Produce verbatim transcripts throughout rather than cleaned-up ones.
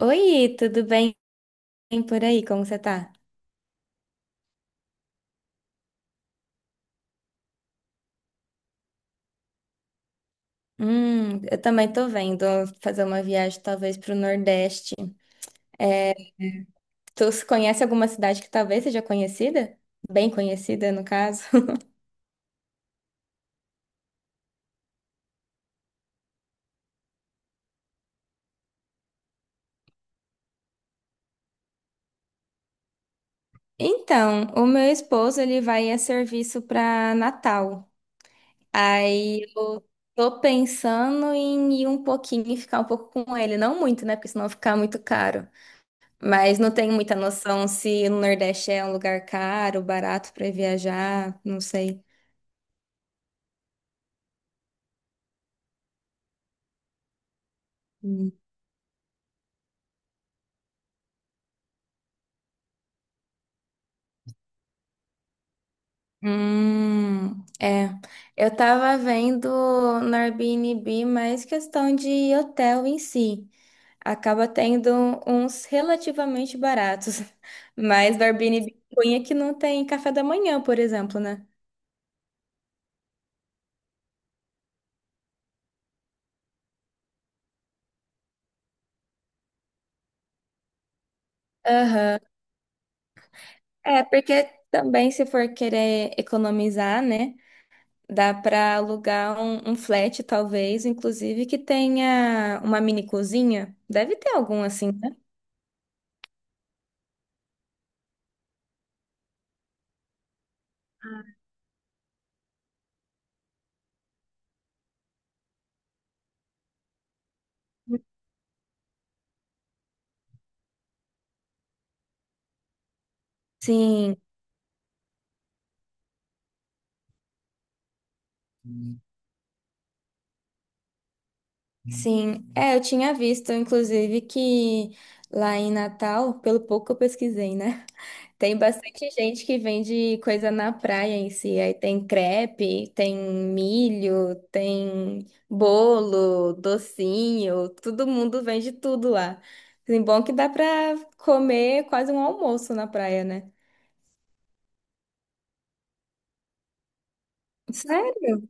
Oi, tudo bem por aí? Como você tá? Hum, eu também tô vendo fazer uma viagem talvez pro Nordeste. É, tu se conhece alguma cidade que talvez seja conhecida? Bem conhecida, no caso. Então, o meu esposo, ele vai a serviço para Natal. Aí eu tô pensando em ir um pouquinho e ficar um pouco com ele. Não muito, né? Porque senão ficar muito caro. Mas não tenho muita noção se no Nordeste é um lugar caro, barato para viajar, não sei. Hum, Hum, é. Eu tava vendo no Airbnb mais questão de hotel em si. Acaba tendo uns relativamente baratos. Mas no Airbnb cunha que não tem café da manhã, por exemplo, né? Aham. É, porque também se for querer economizar, né? Dá pra alugar um, um flat, talvez, inclusive, que tenha uma mini cozinha. Deve ter algum assim, né? Sim. Sim, é, eu tinha visto, inclusive, que lá em Natal, pelo pouco que eu pesquisei, né? Tem bastante gente que vende coisa na praia em si. Aí tem crepe, tem milho, tem bolo, docinho, todo mundo vende tudo lá. Assim, bom que dá pra comer quase um almoço na praia, né? Sério?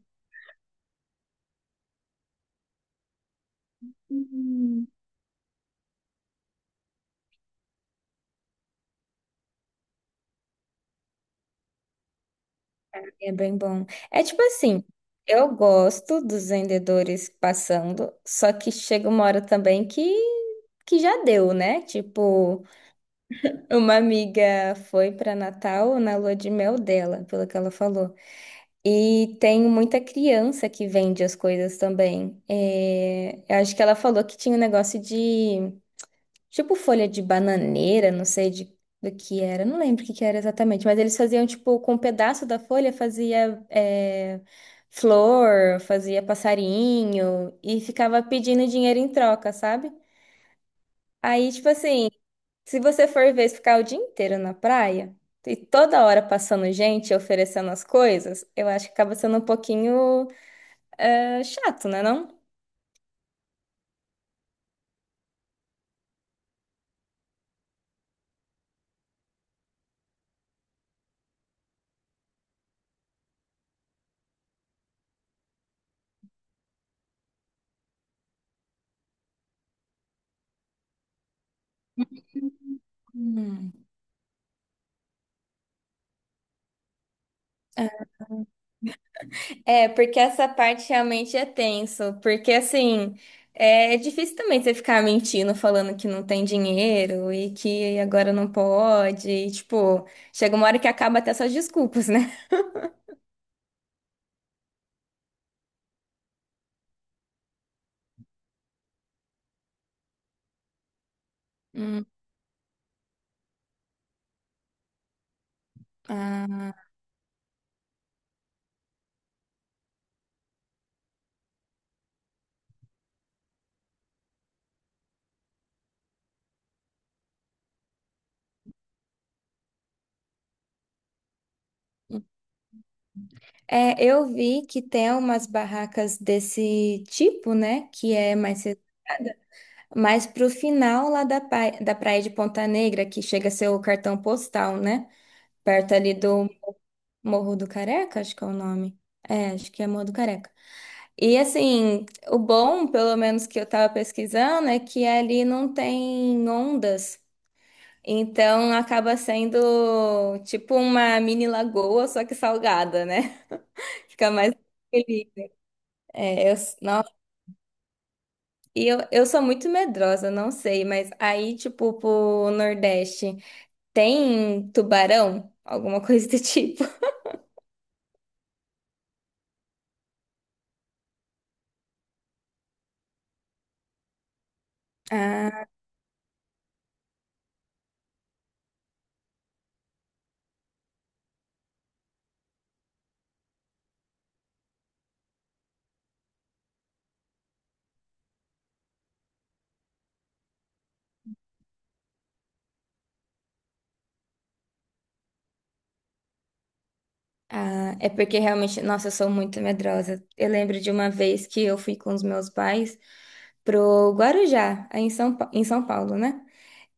É bem bom. É tipo assim, eu gosto dos vendedores passando, só que chega uma hora também que, que já deu, né? Tipo, uma amiga foi para Natal na lua de mel dela, pelo que ela falou. E tem muita criança que vende as coisas também. É, eu acho que ela falou que tinha um negócio de tipo folha de bananeira, não sei de, do que era, não lembro o que que era exatamente, mas eles faziam, tipo, com um pedaço da folha fazia é, flor, fazia passarinho e ficava pedindo dinheiro em troca, sabe? Aí, tipo assim, se você for ver ficar o dia inteiro na praia e toda hora passando gente oferecendo as coisas, eu acho que acaba sendo um pouquinho é, chato, né, não? Hum, é. É, porque essa parte realmente é tenso, porque assim, é difícil também você ficar mentindo, falando que não tem dinheiro e que agora não pode, e, tipo, chega uma hora que acaba até suas desculpas, né? Hum, ah, é, eu vi que tem umas barracas desse tipo, né, que é mais reservada, mas pro final lá da, pai- da Praia de Ponta Negra, que chega a ser o cartão postal, né, perto ali do Morro do Careca, acho que é o nome. É, acho que é Morro do Careca. E assim, o bom, pelo menos que eu tava pesquisando, é que ali não tem ondas. Então acaba sendo tipo uma mini lagoa, só que salgada, né? Fica mais feliz. É, eu, nossa, e eu, eu sou muito medrosa, não sei, mas aí, tipo, pro Nordeste, tem tubarão? Alguma coisa do tipo. Ah, ah, é porque realmente, nossa, eu sou muito medrosa. Eu lembro de uma vez que eu fui com os meus pais pro Guarujá, aí em São, Pa- em São Paulo, né?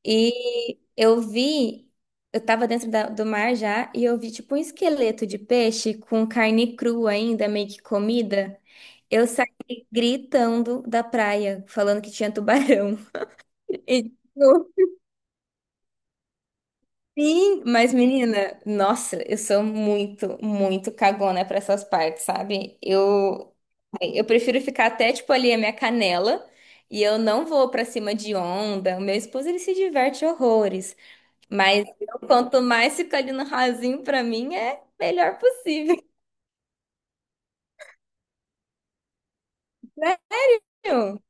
E eu vi, eu tava dentro da- do mar já, e eu vi tipo um esqueleto de peixe com carne crua ainda, meio que comida. Eu saí gritando da praia, falando que tinha tubarão. E no fim, mas menina, nossa, eu sou muito, muito cagona para essas partes, sabe? Eu assim, eu prefiro ficar até, tipo, ali a minha canela. E eu não vou pra cima de onda. O meu esposo, ele se diverte horrores. Mas eu, quanto mais fica ali no rasinho, pra mim, é melhor possível. Né? Meu?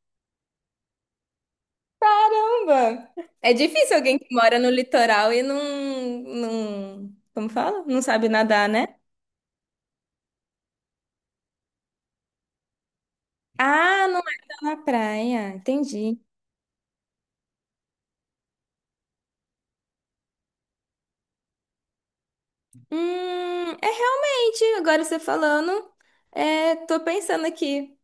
Caramba! É difícil alguém que mora no litoral e não, não... Como fala? Não sabe nadar, né? Ah, não é só na praia. Entendi. Hum, é realmente, agora você falando, é, tô pensando aqui.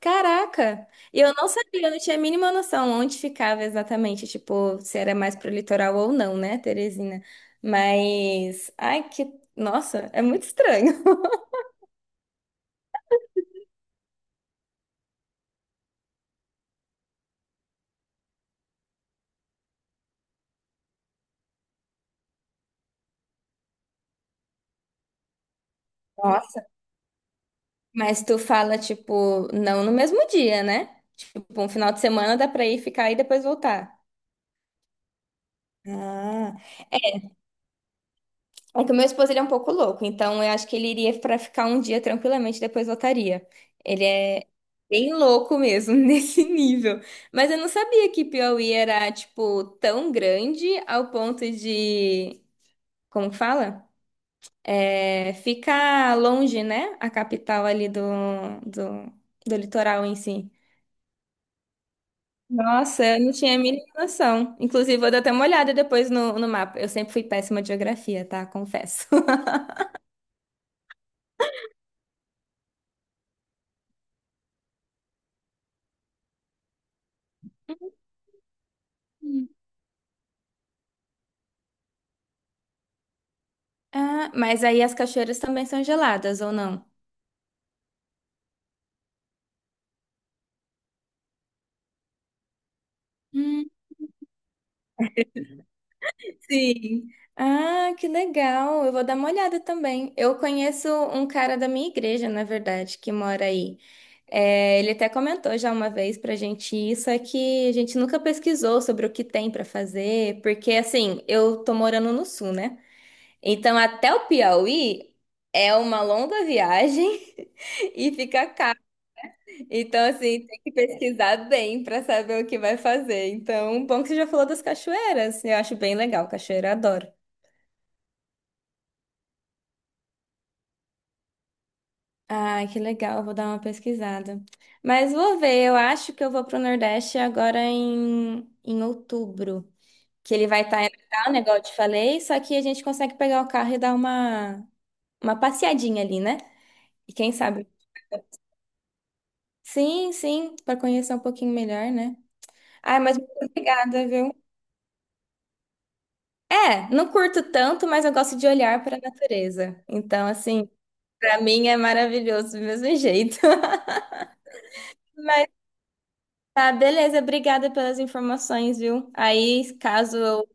Caraca! E eu não sabia, eu não tinha a mínima noção onde ficava exatamente, tipo, se era mais pro litoral ou não, né, Teresina? Mas, ai, que, nossa, é muito estranho. Nossa. Mas tu fala, tipo, não no mesmo dia, né? Tipo, um final de semana dá pra ir ficar e depois voltar. Ah. É que o meu esposo ele é um pouco louco, então eu acho que ele iria pra ficar um dia tranquilamente e depois voltaria. Ele é bem louco mesmo, nesse nível. Mas eu não sabia que Piauí era, tipo, tão grande ao ponto de. Como que fala? É, ficar longe, né? A capital ali do, do, do litoral em si. Nossa, eu não tinha a mínima noção. Inclusive, vou dar até uma olhada depois no, no mapa. Eu sempre fui péssima de geografia, tá? Confesso. Ah, mas aí as cachoeiras também são geladas, ou não? Hum, sim. Ah, que legal. Eu vou dar uma olhada também. Eu conheço um cara da minha igreja, na verdade, que mora aí. É, ele até comentou já uma vez pra gente isso, é que a gente nunca pesquisou sobre o que tem pra fazer, porque assim, eu tô morando no sul, né? Então até o Piauí é uma longa viagem e fica caro. Então, assim, tem que pesquisar bem para saber o que vai fazer. Então, bom que você já falou das cachoeiras. Eu acho bem legal, cachoeira eu adoro. Ai, que legal, vou dar uma pesquisada. Mas vou ver, eu acho que eu vou pro Nordeste agora em, em outubro. Que ele vai estar em Natal, né, igual eu te falei, só que a gente consegue pegar o carro e dar uma, uma passeadinha ali, né? E quem sabe? Sim, sim, para conhecer um pouquinho melhor, né? Ai, mas muito obrigada, viu? É, não curto tanto, mas eu gosto de olhar para a natureza. Então, assim, para mim é maravilhoso do mesmo jeito. Mas tá, beleza, obrigada pelas informações, viu? Aí, caso eu,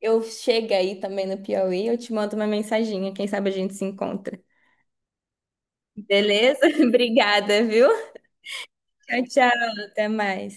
eu chegue aí também no Piauí, eu te mando uma mensaginha, quem sabe a gente se encontra. Beleza? Obrigada, viu? Tchau, tchau, até mais.